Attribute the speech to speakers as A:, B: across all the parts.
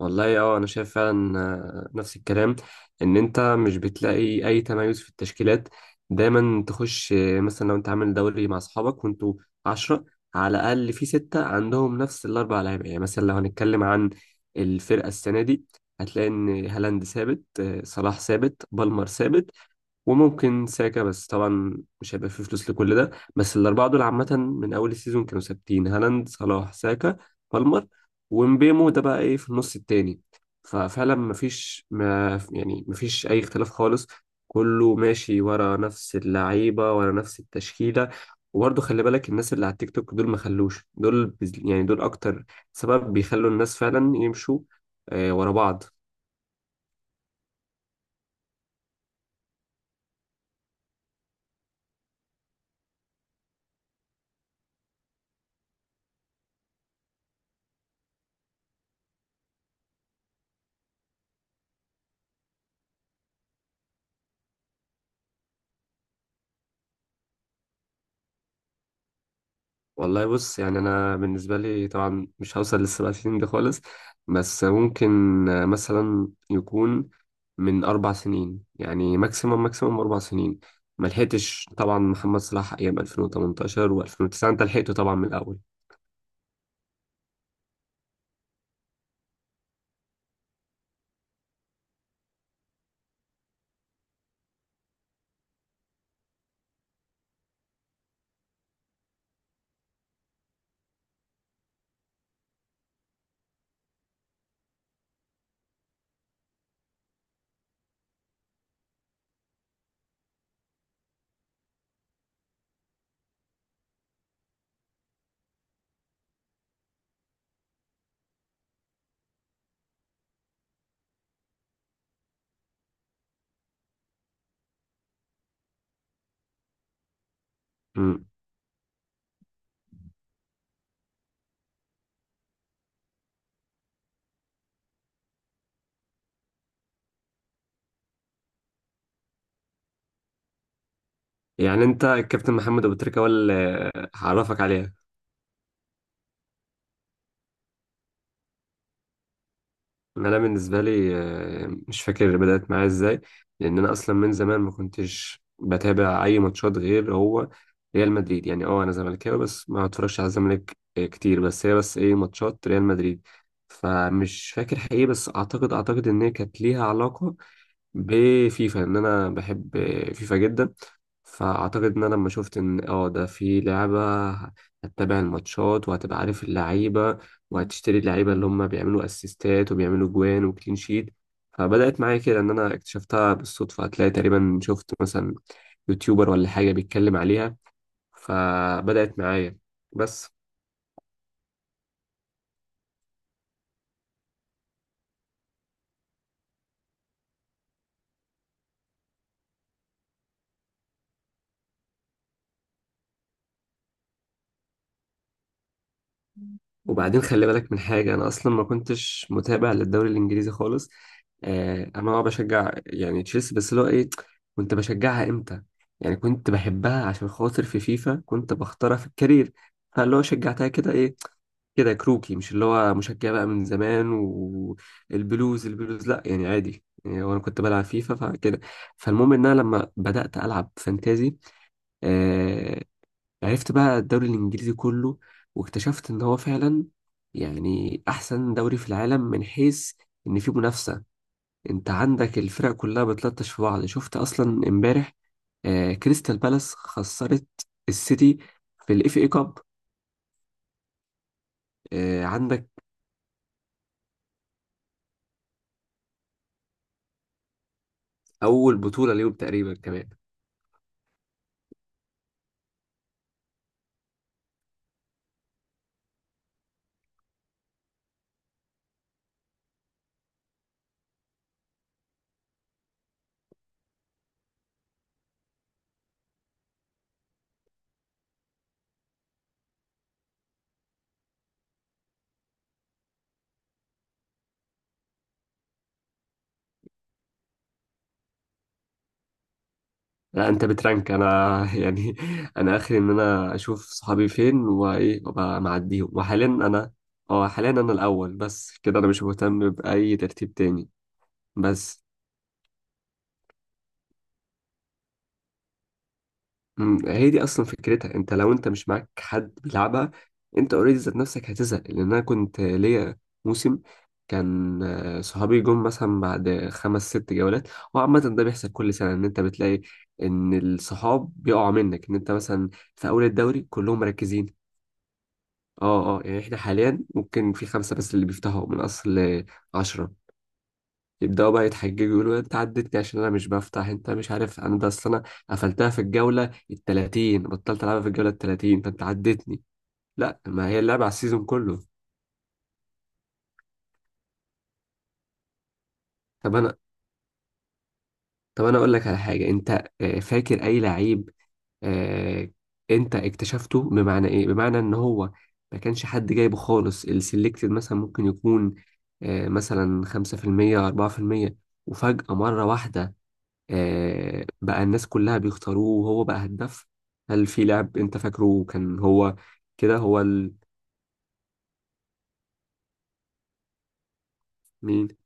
A: والله اه انا شايف فعلا، نفس الكلام. ان انت مش بتلاقي اي تميز في التشكيلات، دايما تخش مثلا لو انت عامل دوري مع اصحابك وانتوا عشرة، على الاقل في ستة عندهم نفس الاربع لعيبة. يعني مثلا لو هنتكلم عن الفرقة السنة دي، هتلاقي ان هالاند ثابت، صلاح ثابت، بالمر ثابت، وممكن ساكا، بس طبعا مش هيبقى فيه فلوس لكل ده. بس الأربعة دول عامة من أول السيزون كانوا ثابتين: هالاند، صلاح، ساكا، بالمر. ومبيمو ده بقى إيه في النص التاني. ففعلا مفيش، ما يعني مفيش أي اختلاف خالص. كله ماشي ورا نفس اللعيبة، ورا نفس التشكيلة. وبرضه خلي بالك، الناس اللي على التيك توك دول ما خلوش، يعني دول أكتر سبب بيخلوا الناس فعلا يمشوا ورا بعض. والله بص، يعني انا بالنسبه لي طبعا مش هوصل للسبع سنين دي خالص. بس ممكن مثلا يكون من اربع سنين. يعني ماكسيموم ماكسيموم اربع سنين. ما لحقتش طبعا محمد صلاح ايام 2018 و2009، انت لحقته طبعا من الاول. امم يعني انت الكابتن محمد ابو تريكه، ولا هعرفك عليها؟ إن انا بالنسبه لي مش فاكر بدات معايا ازاي، لان انا اصلا من زمان ما كنتش بتابع اي ماتشات غير هو ريال مدريد. يعني اه انا زملكاوي بس ما بتفرجش على الزمالك كتير، بس هي بس ايه ماتشات ريال مدريد. فمش فاكر حقيقي، بس اعتقد ان هي كانت ليها علاقه بفيفا، ان انا بحب فيفا جدا. فاعتقد ان انا لما شفت ان اه ده في لعبه، هتتابع الماتشات وهتبقى عارف اللعيبه وهتشتري اللعيبه اللي هم بيعملوا اسيستات وبيعملوا جوان وكلين شيت. فبدات معايا كده، ان انا اكتشفتها بالصدفه. هتلاقي تقريبا شفت مثلا يوتيوبر ولا حاجه بيتكلم عليها، فبدات معايا بس. وبعدين خلي بالك من حاجة، أنا أصلا ما كنتش متابع للدوري الإنجليزي خالص. آه أنا أه بشجع يعني تشيلسي، بس اللي هو إيه، كنت بشجعها إمتى؟ يعني كنت بحبها عشان خاطر في فيفا كنت بختارها في الكارير. فاللي هو شجعتها كده إيه، كده كروكي، مش اللي هو مشجع بقى من زمان. والبلوز البلوز لأ يعني عادي، يعني وأنا كنت بلعب فيفا فكده. فالمهم إن أنا لما بدأت ألعب فانتازي آه، عرفت بقى الدوري الإنجليزي كله، واكتشفت إن هو فعلا يعني أحسن دوري في العالم من حيث إن فيه منافسة. أنت عندك الفرق كلها بتلطش في بعض. شفت أصلا إمبارح آه كريستال بالاس خسرت السيتي في الإف إي كاب. آه عندك أول بطولة ليهم تقريبا كمان. لا أنت بترانك، أنا يعني أنا آخر إن أنا أشوف صحابي فين وإيه وأبقى معديهم. وحاليا أنا، أه حاليا أنا الأول، بس كده أنا مش مهتم بأي ترتيب تاني بس. هي دي اصلا فكرتها، انت لو انت مش معاك حد بيلعبها، انت اوريدي ذات نفسك هتزهق. لان انا كنت ليا موسم كان صحابي جم مثلا بعد خمس ست جولات. وعامة ده بيحصل كل سنة، ان انت بتلاقي ان الصحاب بيقعوا منك، ان انت مثلا في اول الدوري كلهم مركزين. اه اه يعني احنا حاليا ممكن في خمسة بس اللي بيفتحوا من اصل عشرة. يبداوا بقى يتحججوا يقولوا انت عدتني عشان انا مش بفتح، انت مش عارف انا ده، اصل انا قفلتها في الجوله ال 30، بطلت العبها في الجوله ال 30 فانت عدتني. لا، ما هي اللعبه على السيزون كله. طب انا طب انا اقول لك على حاجه. انت فاكر اي لعيب آه، انت اكتشفته؟ بمعنى ايه؟ بمعنى ان هو ما كانش حد جايبه خالص. السلكتد مثلا ممكن يكون مثلا 5% 4%، وفجأة مرة واحدة بقى الناس كلها بيختاروه وهو بقى هداف. هل في لاعب انت فاكره كان هو كده، هو ال...؟ مين؟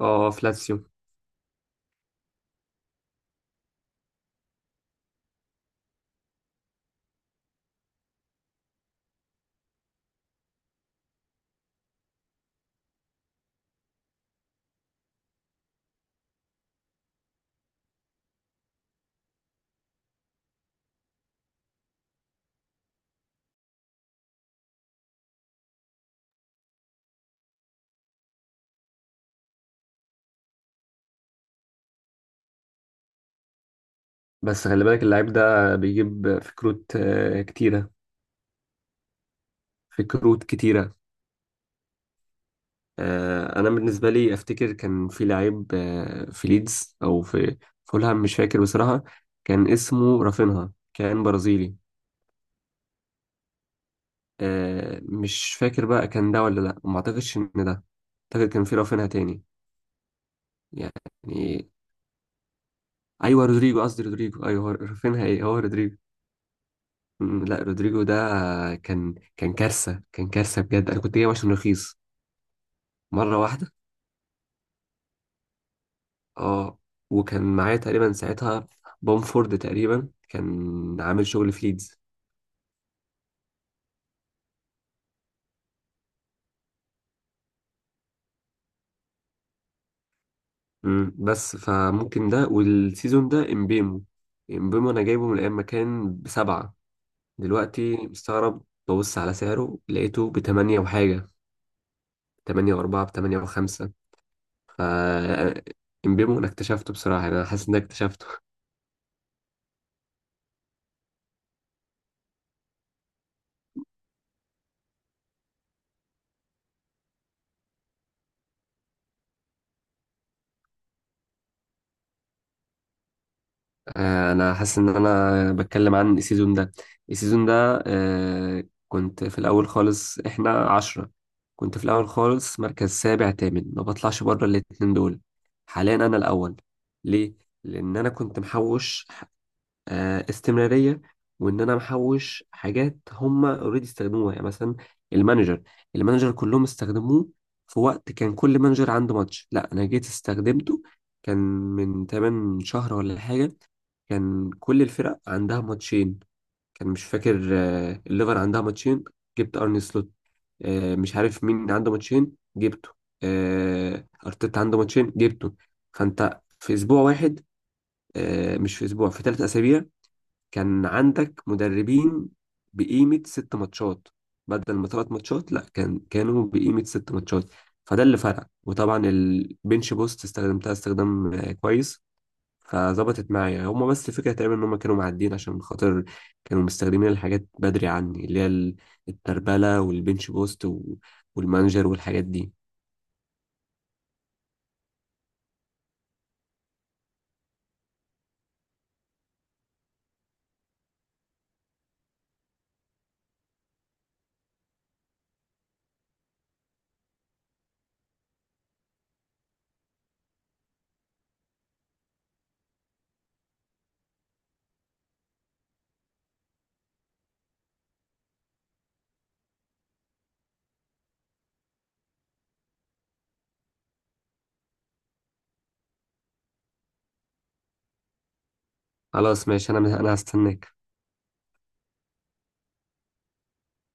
A: اه فلاتسيو. بس خلي بالك اللاعب ده بيجيب كروت كتيرة. كروت كتيرة. انا بالنسبة لي افتكر كان في لعيب في ليدز او في فولهام، مش فاكر بصراحة. كان اسمه رافينها، كان برازيلي. مش فاكر بقى كان ده ولا لا. ما اعتقدش ان ده، اعتقد كان في رافينها تاني يعني. ايوه رودريجو، قصدي رودريجو، ايوه هو رافينها ايه، هو رودريجو. لا رودريجو ده كان كارثه بجد. انا كنت جايبه عشان رخيص، مره واحده. اه وكان معايا تقريبا ساعتها بومفورد تقريبا، كان عامل شغل في ليدز. بس فممكن ده، والسيزون ده امبيمو. امبيمو انا جايبه من ايام ما كان بسبعه. دلوقتي مستغرب، ببص على سعره لقيته بتمانية وحاجه، تمانية وأربعة، بتمانية وخمسة. ف امبيمو انا اكتشفته بصراحة، يعني انا حاسس ان أنا اكتشفته. انا حاسس ان انا بتكلم عن السيزون ده. السيزون ده. كنت في الاول خالص احنا عشرة، كنت في الاول خالص مركز سابع تامن، ما بطلعش بره الاتنين دول. حاليا انا الاول. ليه؟ لان انا كنت محوش استمراريه. وان انا محوش حاجات هم اوريدي استخدموها، يعني مثلا المانجر. المانجر كلهم استخدموه في وقت كان كل مانجر عنده ماتش، لا انا جيت استخدمته، كان من 8 شهر ولا حاجه، كان كل الفرق عندها ماتشين. كان مش فاكر الليفر عندها ماتشين، جبت ارني سلوت. مش عارف مين عنده ماتشين جبته، ارتيتا عنده ماتشين جبته. فانت في اسبوع واحد، مش في اسبوع، في ثلاث اسابيع كان عندك مدربين بقيمة ست ماتشات بدل ما تلات ماتشات. لا كان، كانوا بقيمة ست ماتشات. فده اللي فرق. وطبعا البنش بوست استخدمتها استخدام كويس. فظبطت معايا هما. بس فكرة تقريبا ان هما كانوا معدين عشان خاطر كانوا مستخدمين الحاجات بدري عني، التربلة والبنش بوست والمانجر والحاجات دي. خلاص ماشي، انا هستناك.